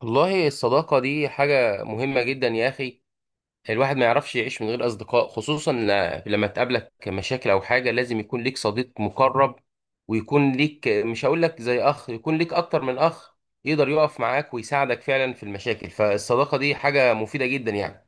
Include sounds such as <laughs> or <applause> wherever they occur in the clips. والله الصداقة دي حاجة مهمة جدا يا أخي. الواحد ما يعرفش يعيش من غير أصدقاء، خصوصا لما تقابلك مشاكل أو حاجة لازم يكون ليك صديق مقرب، ويكون ليك، مش هقول لك زي أخ، يكون ليك أكتر من أخ، يقدر يقف معاك ويساعدك فعلا في المشاكل. فالصداقة دي حاجة مفيدة جدا يعني.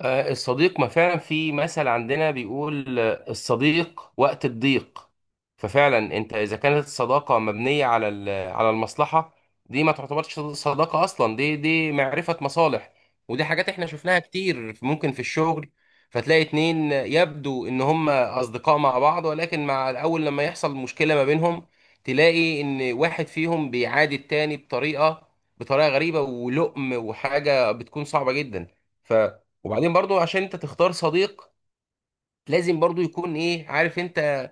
الصديق، ما فعلا في مثل عندنا بيقول الصديق وقت الضيق. ففعلا انت اذا كانت الصداقه مبنيه على على المصلحه، دي ما تعتبرش صداقه اصلا، دي معرفه مصالح. ودي حاجات احنا شفناها كتير ممكن في الشغل. فتلاقي اتنين يبدو ان هم اصدقاء مع بعض، ولكن مع الاول لما يحصل مشكله ما بينهم، تلاقي ان واحد فيهم بيعادي التاني بطريقه غريبه ولؤم، وحاجه بتكون صعبه جدا. وبعدين برضو عشان انت تختار صديق، لازم برضو يكون ايه، عارف انت،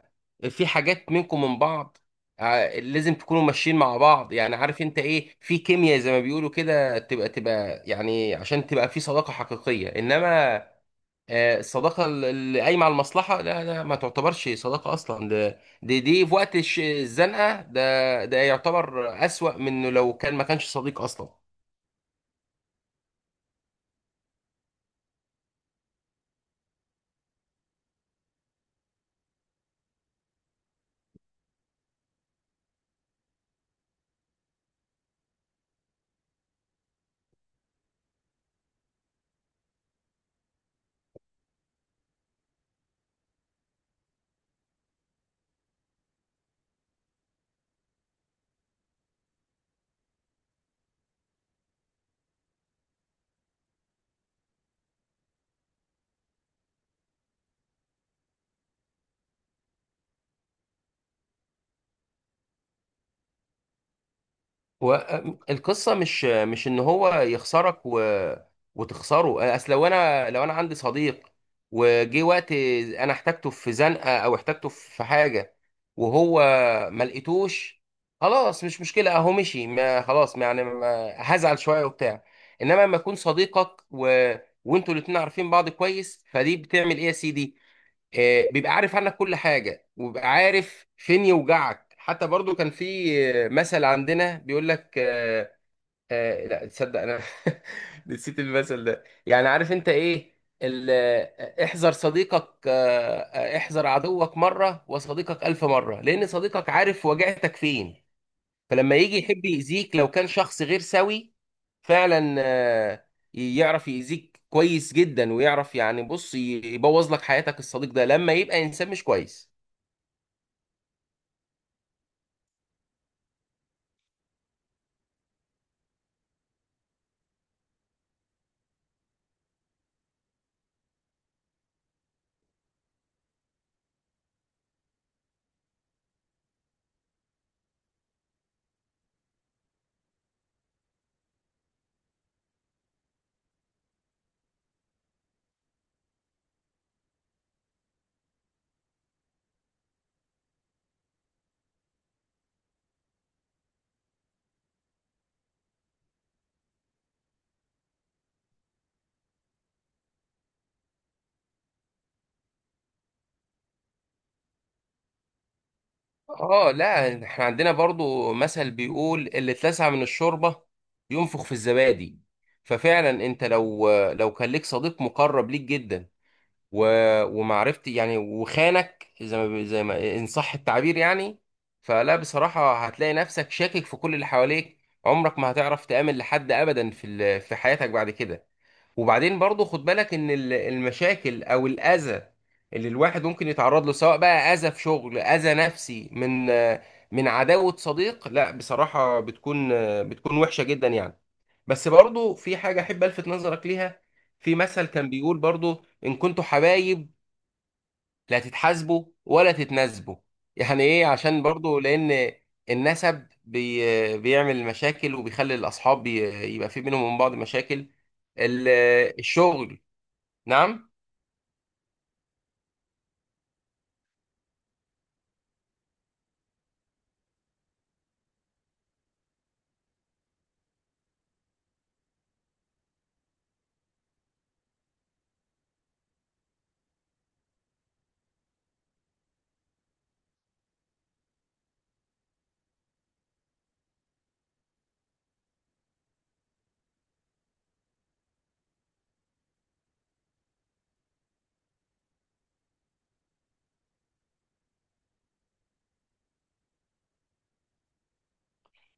في حاجات منكم من بعض. لازم تكونوا ماشيين مع بعض، يعني عارف انت ايه، في كيمياء زي ما بيقولوا كده، تبقى يعني عشان تبقى في صداقة حقيقية. انما الصداقة اللي قايمة على المصلحة لا، لا ما تعتبرش صداقة اصلا. ده دي دي في وقت الزنقة ده يعتبر اسوأ من إنه لو كان ما كانش صديق اصلا. هو القصه مش ان هو يخسرك وتخسره. اصل لو انا عندي صديق وجه وقت انا احتاجته في زنقه او احتاجته في حاجه، وهو ما لقيتوش، خلاص مش مشكله، اهو مشي، ما خلاص، ما يعني ما هزعل شويه وبتاع. انما لما يكون صديقك وانتوا الاتنين عارفين بعض كويس، فدي بتعمل ايه يا سيدي، بيبقى عارف عنك كل حاجة، وبيبقى عارف فين يوجعك. حتى برضو كان في مثل عندنا بيقول لك لا تصدق. انا <laughs> نسيت المثل ده. يعني عارف انت ايه، احذر صديقك، احذر عدوك مرة وصديقك ألف مرة، لأن صديقك عارف وجعتك فين. فلما يجي يحب يأذيك لو كان شخص غير سوي، فعلا يعرف يأذيك كويس جدا، ويعرف يعني، بص، يبوظ لك حياتك الصديق ده لما يبقى إنسان مش كويس. اه لا، احنا عندنا برضو مثل بيقول، اللي اتلسع من الشوربة ينفخ في الزبادي. ففعلا انت لو لو كان ليك صديق مقرب ليك جدا و... ومعرفتي يعني، وخانك، زي ما ان صح التعبير يعني، فلا بصراحة هتلاقي نفسك شاكك في كل اللي حواليك. عمرك ما هتعرف تآمن لحد أبدا في في حياتك بعد كده. وبعدين برضو خد بالك ان المشاكل او الاذى اللي الواحد ممكن يتعرض له، سواء بقى اذى في شغل، اذى نفسي من من عداوة صديق، لا بصراحة بتكون وحشة جدا يعني. بس برضو في حاجة احب الفت نظرك ليها. في مثل كان بيقول برضو، ان كنتوا حبايب لا تتحاسبوا ولا تتناسبوا. يعني ايه؟ عشان برضو لان النسب بيعمل مشاكل، وبيخلي الاصحاب يبقى في بينهم وبين بعض مشاكل. ال- الشغل. نعم،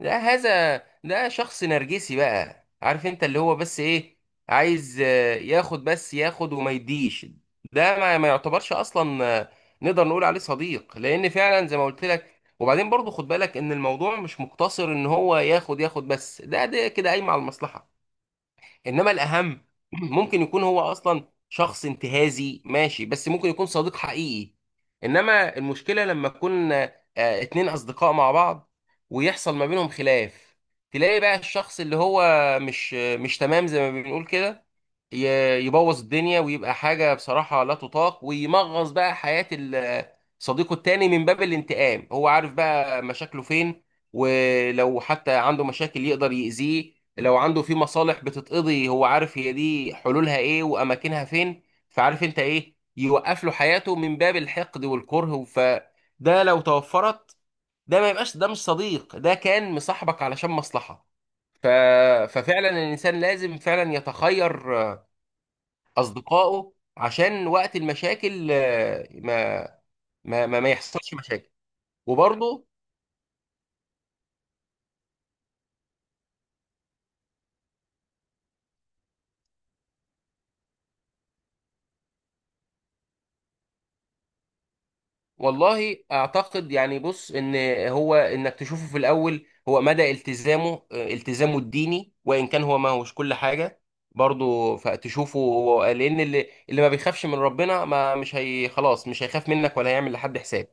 لا هذا، ده شخص نرجسي بقى، عارف انت اللي هو بس ايه، عايز ياخد، بس ياخد وما يديش. ده ما يعتبرش اصلا نقدر نقول عليه صديق، لان فعلا زي ما قلت لك. وبعدين برضو خد بالك ان الموضوع مش مقتصر ان هو ياخد بس، ده ده كده قايم على المصلحة. انما الاهم، ممكن يكون هو اصلا شخص انتهازي ماشي، بس ممكن يكون صديق حقيقي. انما المشكله لما يكون اتنين اصدقاء مع بعض، ويحصل ما بينهم خلاف، تلاقي بقى الشخص اللي هو مش تمام زي ما بنقول كده، يبوظ الدنيا، ويبقى حاجه بصراحه لا تطاق، ويمغص بقى حياه صديقه التاني من باب الانتقام. هو عارف بقى مشاكله فين، ولو حتى عنده مشاكل يقدر يأذيه، لو عنده في مصالح بتتقضي هو عارف هي دي حلولها ايه واماكنها فين. فعارف انت ايه، يوقف له حياته من باب الحقد والكره. فده لو توفرت، ده ما يبقاش، ده مش صديق، ده كان مصاحبك علشان مصلحة. ف... ففعلا الانسان لازم فعلا يتخير اصدقائه، عشان وقت المشاكل ما ما يحصلش مشاكل. وبرضه والله اعتقد يعني، بص، ان هو انك تشوفه في الاول هو مدى التزامه، التزامه الديني، وان كان هو ما هوش كل حاجه برضه. فتشوفه لان اللي ما بيخافش من ربنا، ما مش هي خلاص، مش هيخاف منك ولا هيعمل لحد حساب.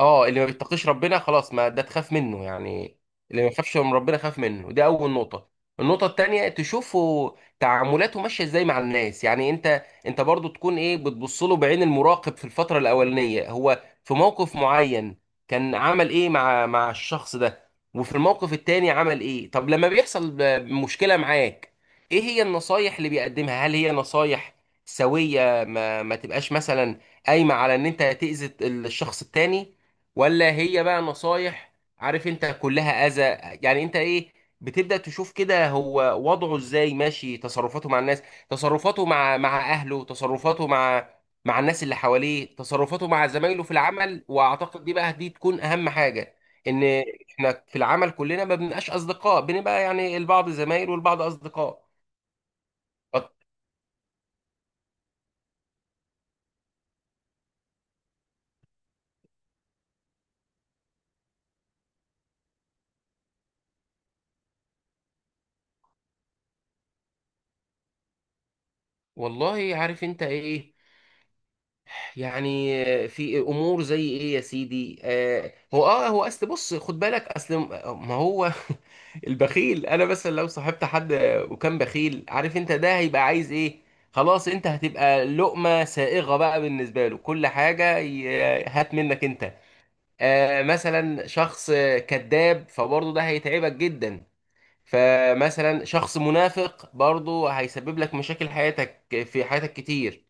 اه اللي ما بيتقيش ربنا خلاص، ما ده تخاف منه يعني. اللي ما يخافش من ربنا خاف منه، دي اول نقطة. النقطة التانية تشوفه تعاملاته ماشية ازاي مع الناس، يعني انت برضو تكون ايه، بتبص له بعين المراقب في الفترة الاولانية. هو في موقف معين كان عمل ايه مع مع الشخص ده، وفي الموقف التاني عمل ايه. طب لما بيحصل مشكلة معاك، ايه هي النصايح اللي بيقدمها، هل هي نصايح سوية، ما تبقاش مثلا قايمة على ان انت تأذي الشخص التاني، ولا هي بقى نصايح، عارف انت، كلها اذى. يعني انت ايه، بتبدأ تشوف كده هو وضعه ازاي ماشي، تصرفاته مع الناس، تصرفاته مع مع اهله، تصرفاته مع مع الناس اللي حواليه، تصرفاته مع زمايله في العمل. واعتقد دي بقى دي تكون اهم حاجة. ان احنا في العمل كلنا ما بنبقاش اصدقاء، بنبقى يعني البعض زمايل والبعض اصدقاء. والله عارف انت ايه يعني، في امور زي ايه يا سيدي. هو اصل، بص خد بالك، اصل ما هو <laughs> البخيل، انا مثلا لو صاحبت حد وكان بخيل، عارف انت ده هيبقى عايز ايه. خلاص انت هتبقى لقمة سائغة بقى بالنسبة له، كل حاجة هات منك انت. آه مثلا شخص كذاب، فبرضه ده هيتعبك جدا. فمثلا شخص منافق، برضه هيسبب لك مشاكل حياتك في حياتك كتير.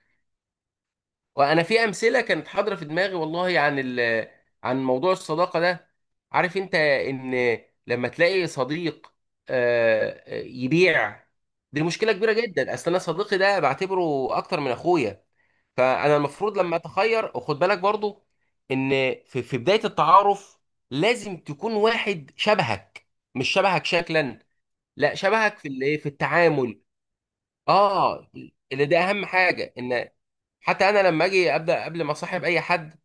وانا في امثله كانت حاضره في دماغي والله، عن عن موضوع الصداقه ده. عارف انت ان لما تلاقي صديق يبيع، دي مشكله كبيره جدا. اصل انا صديقي ده بعتبره اكتر من اخويا. فانا المفروض لما اتخير، وخد بالك برضو ان في بدايه التعارف لازم تكون واحد شبهك، مش شبهك شكلا، لا شبهك في الايه، في التعامل. اه، اللي ده اهم حاجه. ان حتى انا لما اجي ابدا، قبل ما اصاحب اي حد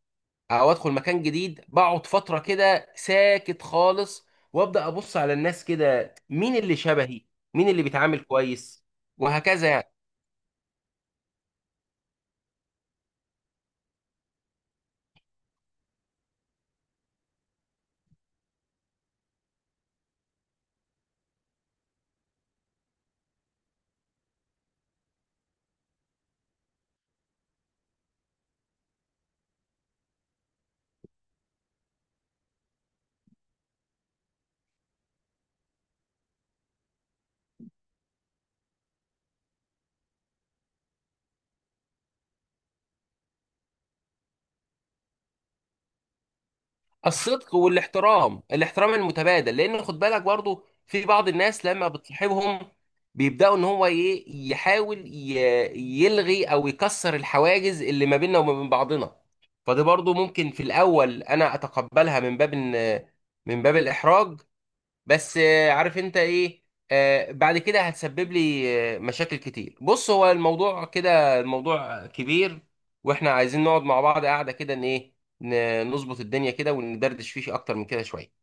او ادخل مكان جديد، بقعد فتره كده ساكت خالص، وابدا ابص على الناس كده، مين اللي شبهي، مين اللي بيتعامل كويس، وهكذا يعني. الصدق والاحترام، الاحترام المتبادل. لان خد بالك برضو في بعض الناس لما بتصاحبهم، بيبداوا ان هو ايه، يحاول يلغي او يكسر الحواجز اللي ما بيننا وما بين بعضنا. فدي برضو ممكن في الاول انا اتقبلها من باب من باب الاحراج، بس عارف انت ايه، بعد كده هتسبب لي مشاكل كتير. بص هو الموضوع كده، الموضوع كبير، واحنا عايزين نقعد مع بعض قاعدة كده ان ايه، نظبط الدنيا كده، وندردش فيه اكتر من كده شوية.